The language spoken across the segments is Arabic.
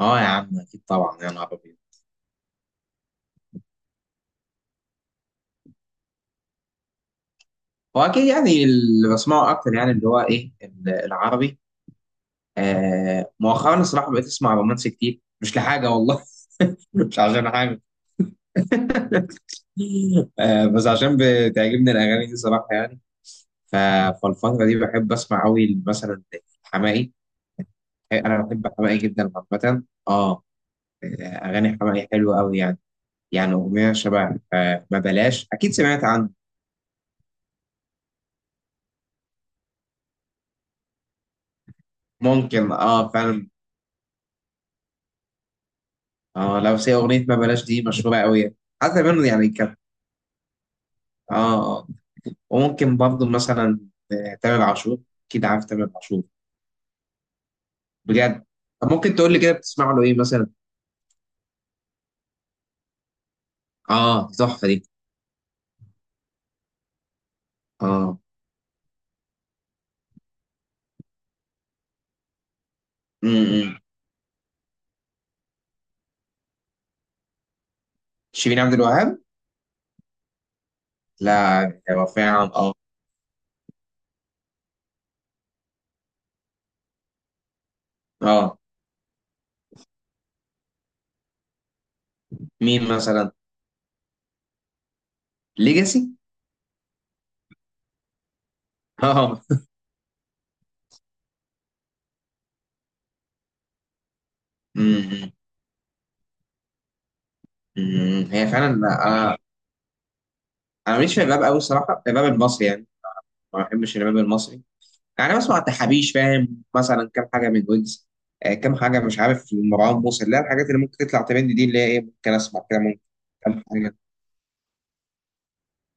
اه يا عم اكيد طبعا، يا نهار ابيض. هو اكيد يعني اللي بسمعه اكتر يعني اللي هو ايه العربي. مؤخرا الصراحه بقيت اسمع رومانسي كتير، مش لحاجه والله. مش عشان حاجه. بس عشان بتعجبني الاغاني دي صراحه يعني. ف- فالفتره دي بحب اسمع قوي مثلا حماقي. انا بحب حماقي جدا عامه. اه، اغاني حماقي حلوه قوي يعني. يعني اغنيه شبه ما بلاش، اكيد سمعت عنه. ممكن، اه فعلا. اه، لو سي اغنيه ما بلاش دي مشهوره قوي. حتى منه يعني. اه آه. وممكن برضه مثلا تامر عاشور. اكيد عارف تامر عاشور؟ بجد. طب ممكن تقول لي كده بتسمع له ايه مثلا؟ اه، دي تحفه دي. اه. امم. شيرين عبد الوهاب. لا، هو فعلا اه. اه، مين مثلا؟ ليجاسي. اه. امم. أمم. هي فعلا. انا ماليش في الراب قوي الصراحه، الراب المصري يعني. ما بحبش الراب المصري. يعني بسمع التحابيش، فاهم؟ مثلا كام حاجه من ويجز. كام حاجه مش عارف، مروان موسى، اللي هي الحاجات اللي ممكن تطلع ترند دي، اللي هي ايه، ممكن اسمع كده، ممكن كام حاجه.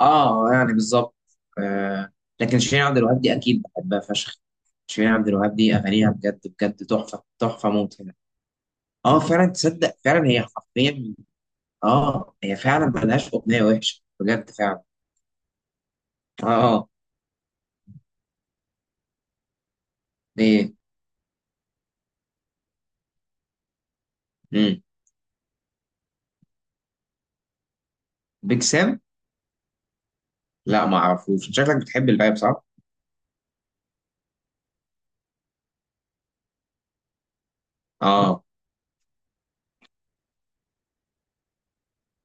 اه يعني بالظبط. آه لكن شيرين عبد الوهاب دي اكيد بحبها فشخ. شيرين عبد الوهاب دي اغانيها بجد بجد تحفه تحفه ممتنه. اه فعلا، تصدق فعلا هي حرفيا. اه، هي فعلا ملهاش اغنيه وحشه بجد فعلا. اه. اه. ايه؟ امم. بيج سام. لا ما اعرفوش. شكلك بتحب الراب صح؟ اه،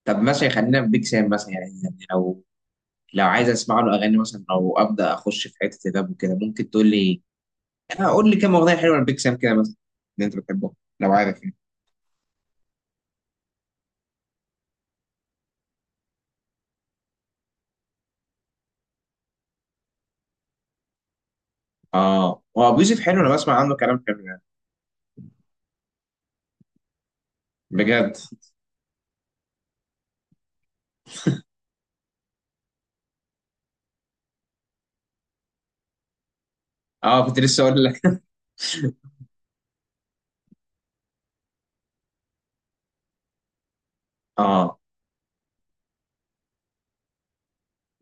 طب مثلا خلينا في بيك سام مثلا، يعني لو عايز اسمع له اغاني مثلا، او ابدا اخش في حته الراب وكده، ممكن تقول لي قول لي كام اغنيه حلوه لبيك سام كده مثلا، اللي انت بتحبه لو عارف يعني. اه، هو ابو يوسف حلو، انا بسمع عنه كلام حلو يعني. بجد. اه كنت لسه اقول لك. اه.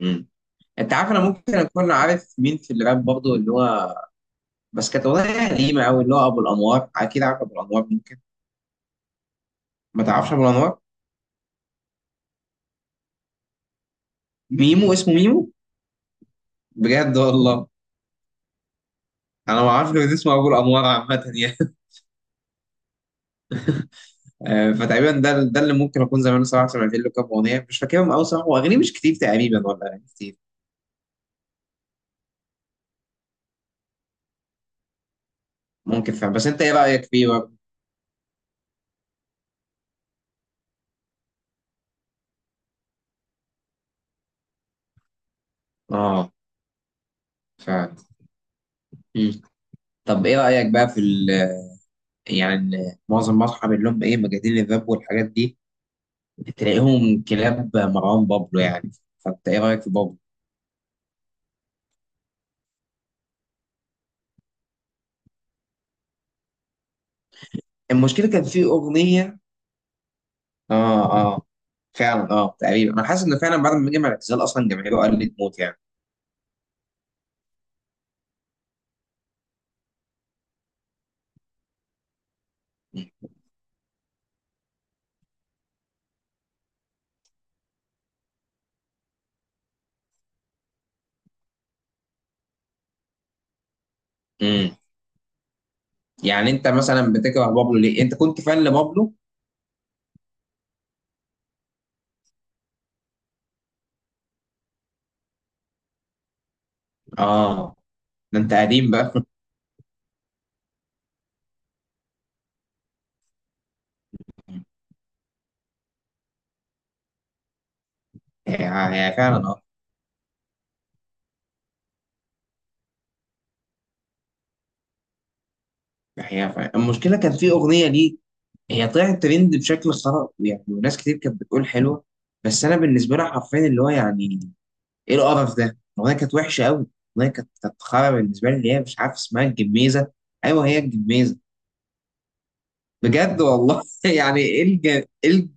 امم. انت عارف، انا ممكن اكون عارف مين في الراب برضه، اللي هو بس كانت اغنيه قديمه قوي، اللي هو ابو الانوار. اكيد عارف ابو الانوار؟ ممكن ما تعرفش ابو الانوار. ميمو، اسمه ميمو؟ بجد والله. انا ما اعرفش غير اسمه ابو الانوار عامه يعني. فتقريبا ده اللي ممكن اكون زمان صراحه سمعت له كام اغنيه، مش فاكرهم قوي صراحه، واغانيه مش كتير تقريبا، ولا أغاني كتير. ممكن فعلا، بس انت ايه رايك فيه برضه؟ اه فعلا. مم. طب ايه رايك بقى في يعني معظم اصحابي اللي هم ايه، مجانين الراب والحاجات دي، تلاقيهم كلاب مروان بابلو يعني. فانت ايه رايك في بابلو؟ المشكله كان في اغنيه. اه اه، فعلا اه. تقريبا انا حاسس انه فعلا بعد ما جه مع الاعتزال اصلا جماهيره قلت موت يعني. مم. يعني انت مثلا بتكره بابلو ليه؟ انت كنت فان لبابلو؟ اه ده انت قديم بقى هي هي فعلا اه. هي فعلا. المشكله كان في اغنيه ليه؟ هي طلعت ترند بشكل خرا يعني، وناس كتير كانت بتقول حلوه. بس انا بالنسبه لي حرفيا اللي هو يعني، ايه القرف ده؟ الاغنيه كانت وحشه قوي. الاغنيه كانت خرا بالنسبه لي، اللي هي مش عارف اسمها الجميزه. ايوه، هي الجميزه. بجد والله يعني ايه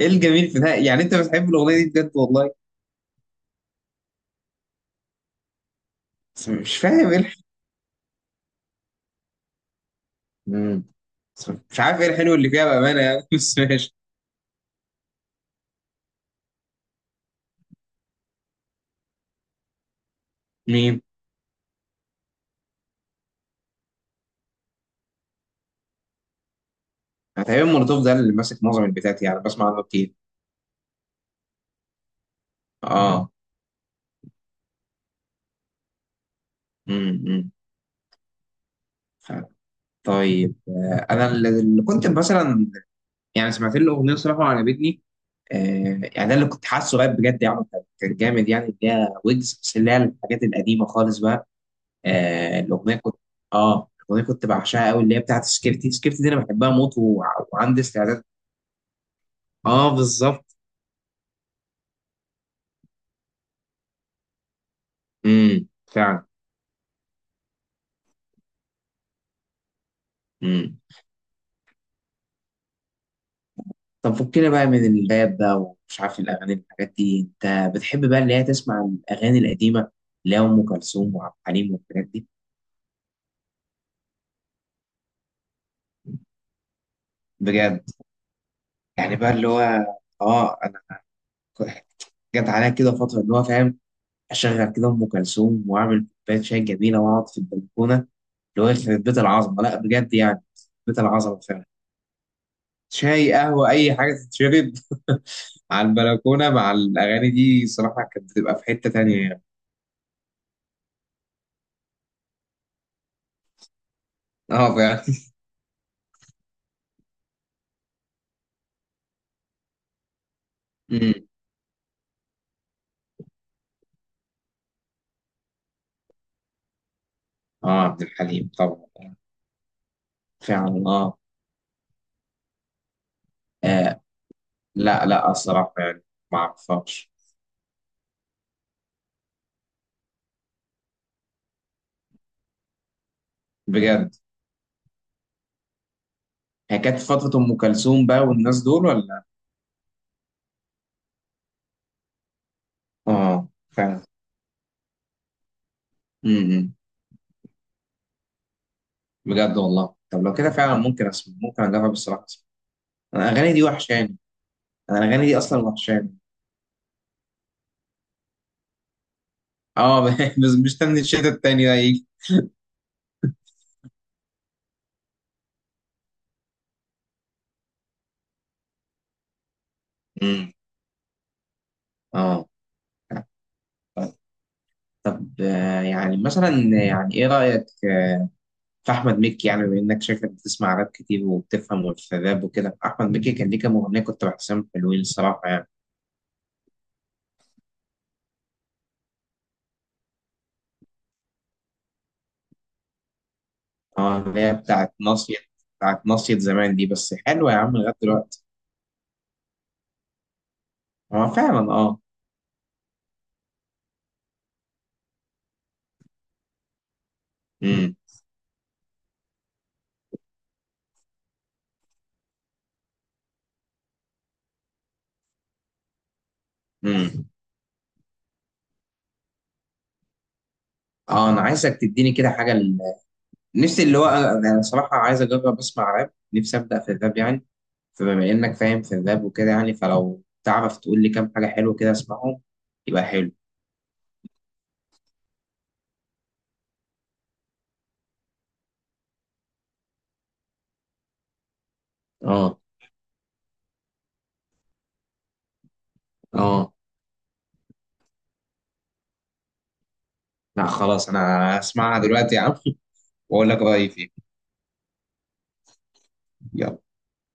إيه الجميل في ده يعني؟ انت بتحب الاغنيه دي بجد والله؟ بس مش فاهم ايه مم. بس مش عارف ايه الحلو اللي فيها بامانه يعني بس ماشي. مين؟ أنا تقريبا مولوتوف ده اللي ماسك معظم البتاعات يعني، بسمع عنه كتير. مم. اه. امم. ف- طيب، انا اللي كنت مثلا يعني سمعت له اغنيه صراحه وعجبتني. يعني ده اللي كنت حاسه بقى بجد يعني، كان جامد يعني، اللي هي ويجز، بس اللي هي الحاجات القديمه خالص بقى. آه، الاغنيه كنت اه الاغنيه كنت بعشقها قوي، اللي هي بتاعت سكيرتي، سكيرتي دي انا بحبها موت، وعندي استعداد. اه بالظبط. فعلا. طب فكنا بقى من الراب بقى، ومش عارف الأغاني والحاجات دي، أنت بتحب بقى اللي هي تسمع الأغاني القديمة، اللي هي أم كلثوم وعبد الحليم والحاجات دي؟ بجد يعني بقى اللي هو أنا ك- جت عليا كده فترة اللي هو فاهم، أشغل كده أم كلثوم وأعمل كوباية شاي جميلة وأقعد في البلكونة، اللي هو يخرب بيت العظمة، لا بجد يعني. بيت العظمة فعلا. شاي، قهوة، أي حاجة تتشرب على البلكونة مع الأغاني دي صراحة، كانت بتبقى في حتة تانية يعني. آه فعلا. أمم. آه، عبد الحليم طبعا. فعلا اه. آه، لا لا، الصراحة يعني ما اعرفهاش. بجد. هي كانت في فترة أم كلثوم بقى والناس دول ولا؟ اه فعلا. امم. بجد والله، طب لو كده فعلا ممكن اسمع، ممكن اجرب الصراحة اسمع. انا الاغاني دي وحشاني. انا الاغاني دي اصلا وحشاني. اه بس مستني الشتا التاني ده يجي. امم. اه. طب يعني مثلا، يعني ايه رأيك في احمد مكي؟ يعني بما انك شايفك بتسمع راب كتير وبتفهم في الراب وكده، احمد مكي كان ليه كام اغنيه كنت بحسهم حلوين الصراحه يعني. اه، اللي هي بتاعت مصيد. بتاعت مصيد زمان دي بس حلوة يا عم لغاية دلوقتي. هو فعلا اه. امم. امم. اه، انا عايزك تديني كده حاجة. ال- نفسي اللي هو انا أنا صراحة عايز اجرب اسمع راب، نفسي ابدأ في الراب يعني. فبما انك فاهم في الراب وكده يعني، فلو تعرف تقول لي كام حاجة حلوة كده اسمعهم يبقى حلو. اه. اه. لا خلاص، انا اسمعها دلوقتي يا عم واقول لك رأيي فيها. يلا.